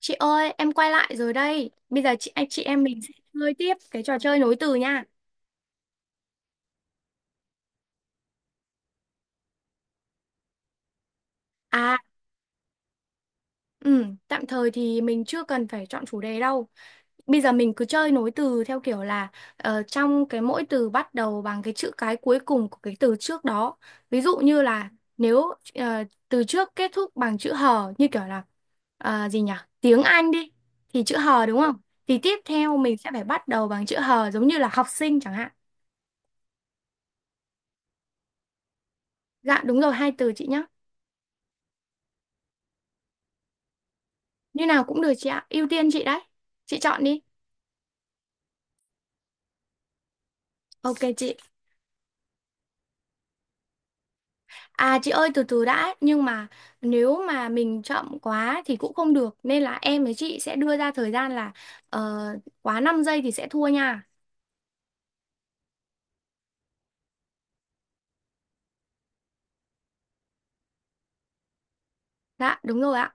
Chị ơi, em quay lại rồi đây. Bây giờ chị anh chị em mình sẽ chơi tiếp cái trò chơi nối từ nha. À, ừ, tạm thời thì mình chưa cần phải chọn chủ đề đâu. Bây giờ mình cứ chơi nối từ theo kiểu là trong cái mỗi từ bắt đầu bằng cái chữ cái cuối cùng của cái từ trước đó. Ví dụ như là nếu từ trước kết thúc bằng chữ hờ như kiểu là gì nhỉ? Tiếng Anh đi thì chữ hờ đúng không? Thì tiếp theo mình sẽ phải bắt đầu bằng chữ hờ giống như là học sinh chẳng hạn. Dạ đúng rồi, hai từ chị nhá. Như nào cũng được chị ạ, ưu tiên chị đấy. Chị chọn đi. Ok chị. À chị ơi, từ từ đã, nhưng mà nếu mà mình chậm quá thì cũng không được nên là em với chị sẽ đưa ra thời gian là ờ, quá 5 giây thì sẽ thua nha. Dạ, đúng rồi ạ.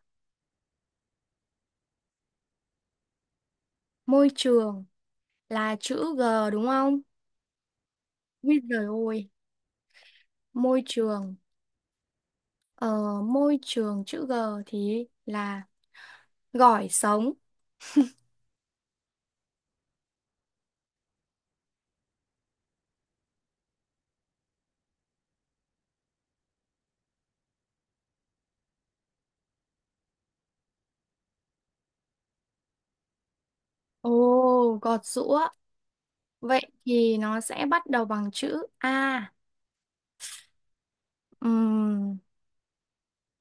Môi trường là chữ G đúng không? Ui giời ơi, môi trường ờ, môi trường chữ G thì là gỏi sống. Ồ, gọt giũa. Vậy thì nó sẽ bắt đầu bằng chữ A. Ừm.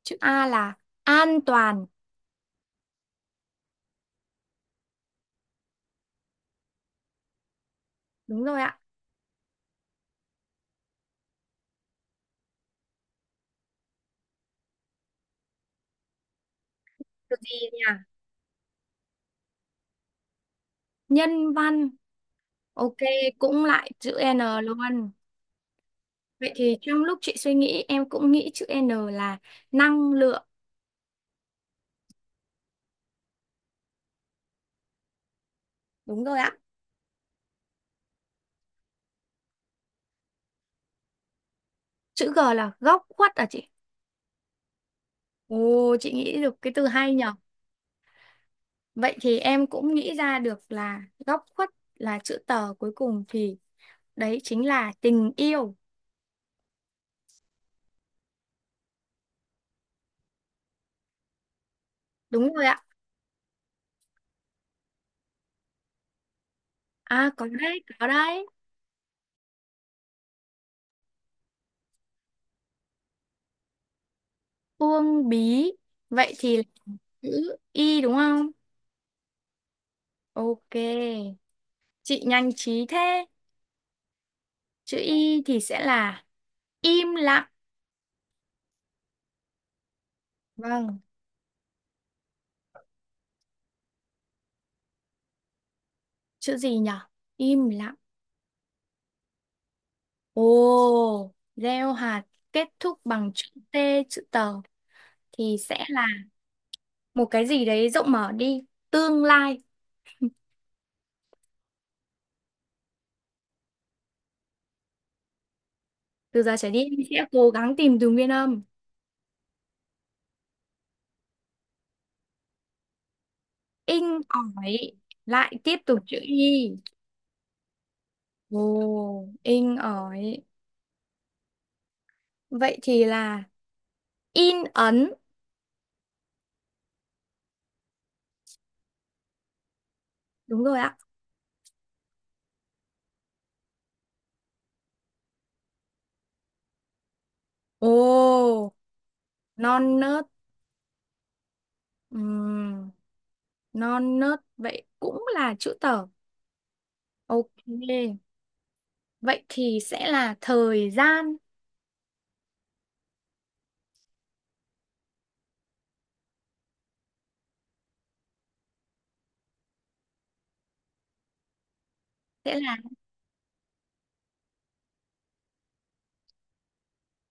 Chữ A là an toàn. Đúng rồi ạ. Chữ gì nhỉ? Nhân văn. Ok, cũng lại chữ N luôn. Vậy thì trong lúc chị suy nghĩ, em cũng nghĩ chữ N là năng lượng. Đúng rồi ạ. Chữ G là góc khuất à chị? Ồ, chị nghĩ được cái từ hay nhở. Vậy thì em cũng nghĩ ra được là góc khuất là chữ tờ cuối cùng thì đấy chính là tình yêu. Đúng rồi ạ. À, có đấy, có đấy. Uông bí. Vậy thì là chữ Y đúng không? Ok, chị nhanh trí thế. Chữ Y thì sẽ là im lặng. Vâng, chữ gì nhở? Im lặng. Ồ, gieo hạt kết thúc bằng chữ T, chữ tờ thì sẽ là một cái gì đấy rộng mở đi. Tương lai. Từ giờ trở đi em sẽ cố gắng tìm từ nguyên âm. Inh ỏi. Lại tiếp tục chữ Y. Ồ, in ỏi. Vậy thì là in ấn. Đúng rồi ạ. Ồ, non nớt. Ừ, non nớt vậy cũng là chữ tờ, ok, vậy thì sẽ là thời gian, sẽ là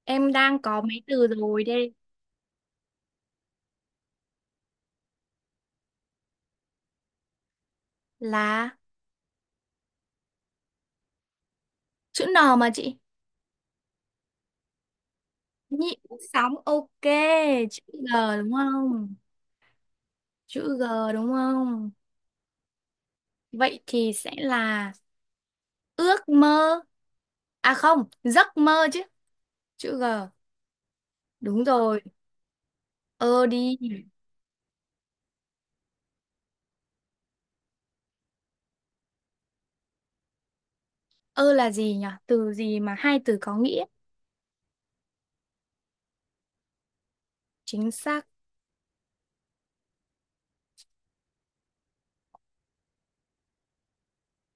em đang có mấy từ rồi đây, là chữ N mà chị, nhịn sóng, ok, chữ G đúng không, chữ G đúng không, vậy thì sẽ là ước mơ, à không giấc mơ chứ, chữ G đúng rồi, ơ đi, ơ là gì nhỉ, từ gì mà hai từ có nghĩa, chính xác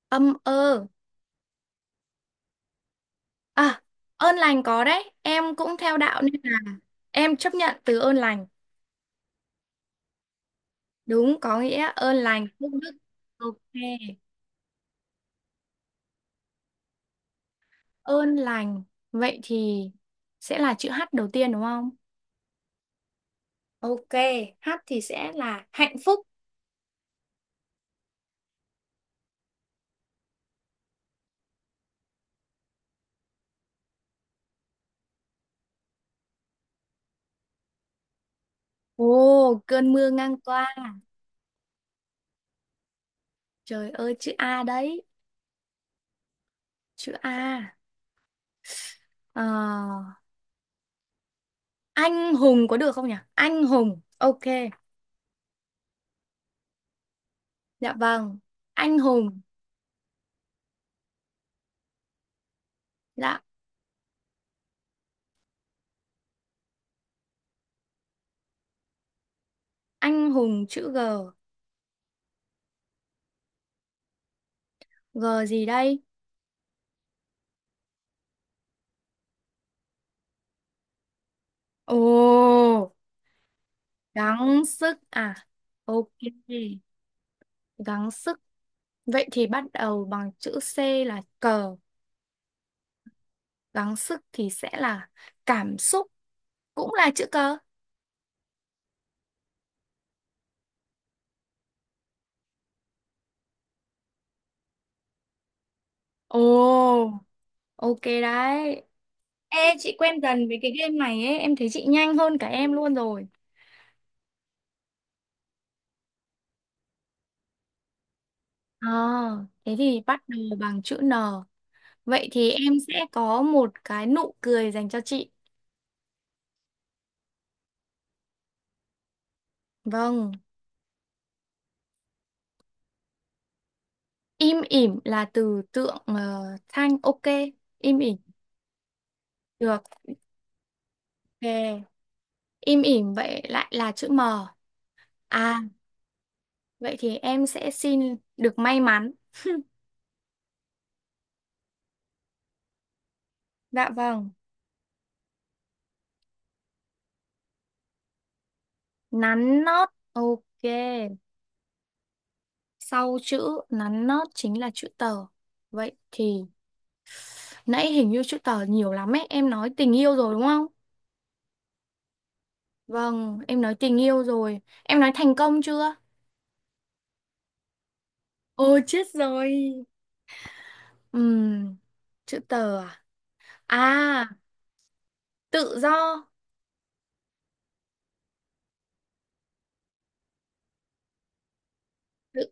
âm ơ. À, ơn lành có đấy, em cũng theo đạo nên là em chấp nhận từ ơn lành. Đúng, có nghĩa ơn lành, phúc đức. Ok, ơn lành. Vậy thì sẽ là chữ H đầu tiên đúng không? Ok, H thì sẽ là hạnh phúc. Ồ, cơn mưa ngang qua. Trời ơi, chữ A đấy, chữ A. Ờ, anh hùng có được không nhỉ? Anh hùng, ok. Dạ vâng, anh hùng. Dạ, anh hùng chữ G. G gì đây? Ồ, gắng sức à? Ok, gắng sức. Vậy thì bắt đầu bằng chữ C là cờ, gắng sức thì sẽ là cảm xúc, cũng là chữ cờ. Ồ, ok đấy. Ê, chị quen dần với cái game này ấy, em thấy chị nhanh hơn cả em luôn rồi. À, thế thì bắt đầu bằng chữ N. Vậy thì em sẽ có một cái nụ cười dành cho chị. Vâng, Im ỉm là từ tượng thanh, ok. Im ỉm được. Ok. Im ỉm vậy lại là chữ M. À, vậy thì em sẽ xin được may mắn. Dạ vâng. Nắn nót. Ok. Sau chữ nắn nót chính là chữ tờ. Vậy thì nãy hình như chữ tờ nhiều lắm ấy. Em nói tình yêu rồi đúng không? Vâng, em nói tình yêu rồi. Em nói thành công chưa? Ôi chết rồi. Ừm, chữ tờ à? À, tự do. Tự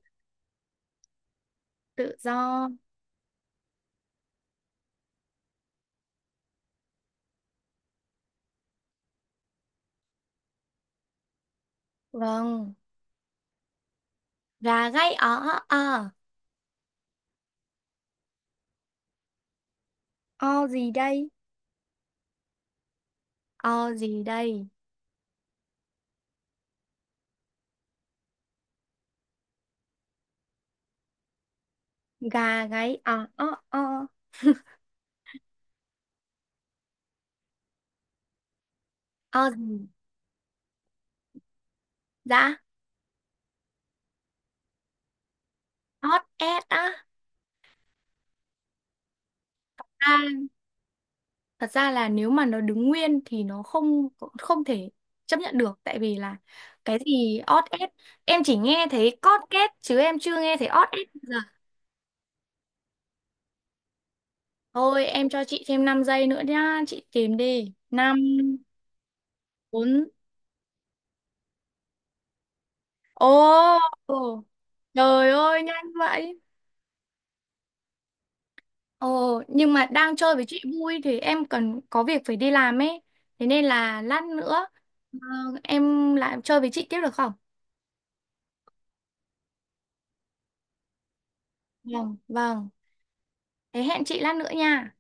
tự do. Vâng. Gà gáy ó ó ó. O gì đây? O gì đây? Gà gáy o o o. O gì? Dạ. Ót ét á. À, thật ra là nếu mà nó đứng nguyên thì nó không không thể chấp nhận được tại vì là cái gì ót ét, em chỉ nghe thấy cót két chứ em chưa nghe thấy ót ét bao giờ. Thôi em cho chị thêm 5 giây nữa nhá, chị tìm đi. 5, 4. Ô, ồ, trời ơi nhanh vậy. Ờ, nhưng mà đang chơi với chị vui thì em cần có việc phải đi làm ấy. Thế nên là lát nữa ờ, em lại chơi với chị tiếp được không? Vâng, vâng. Thế hẹn chị lát nữa nha.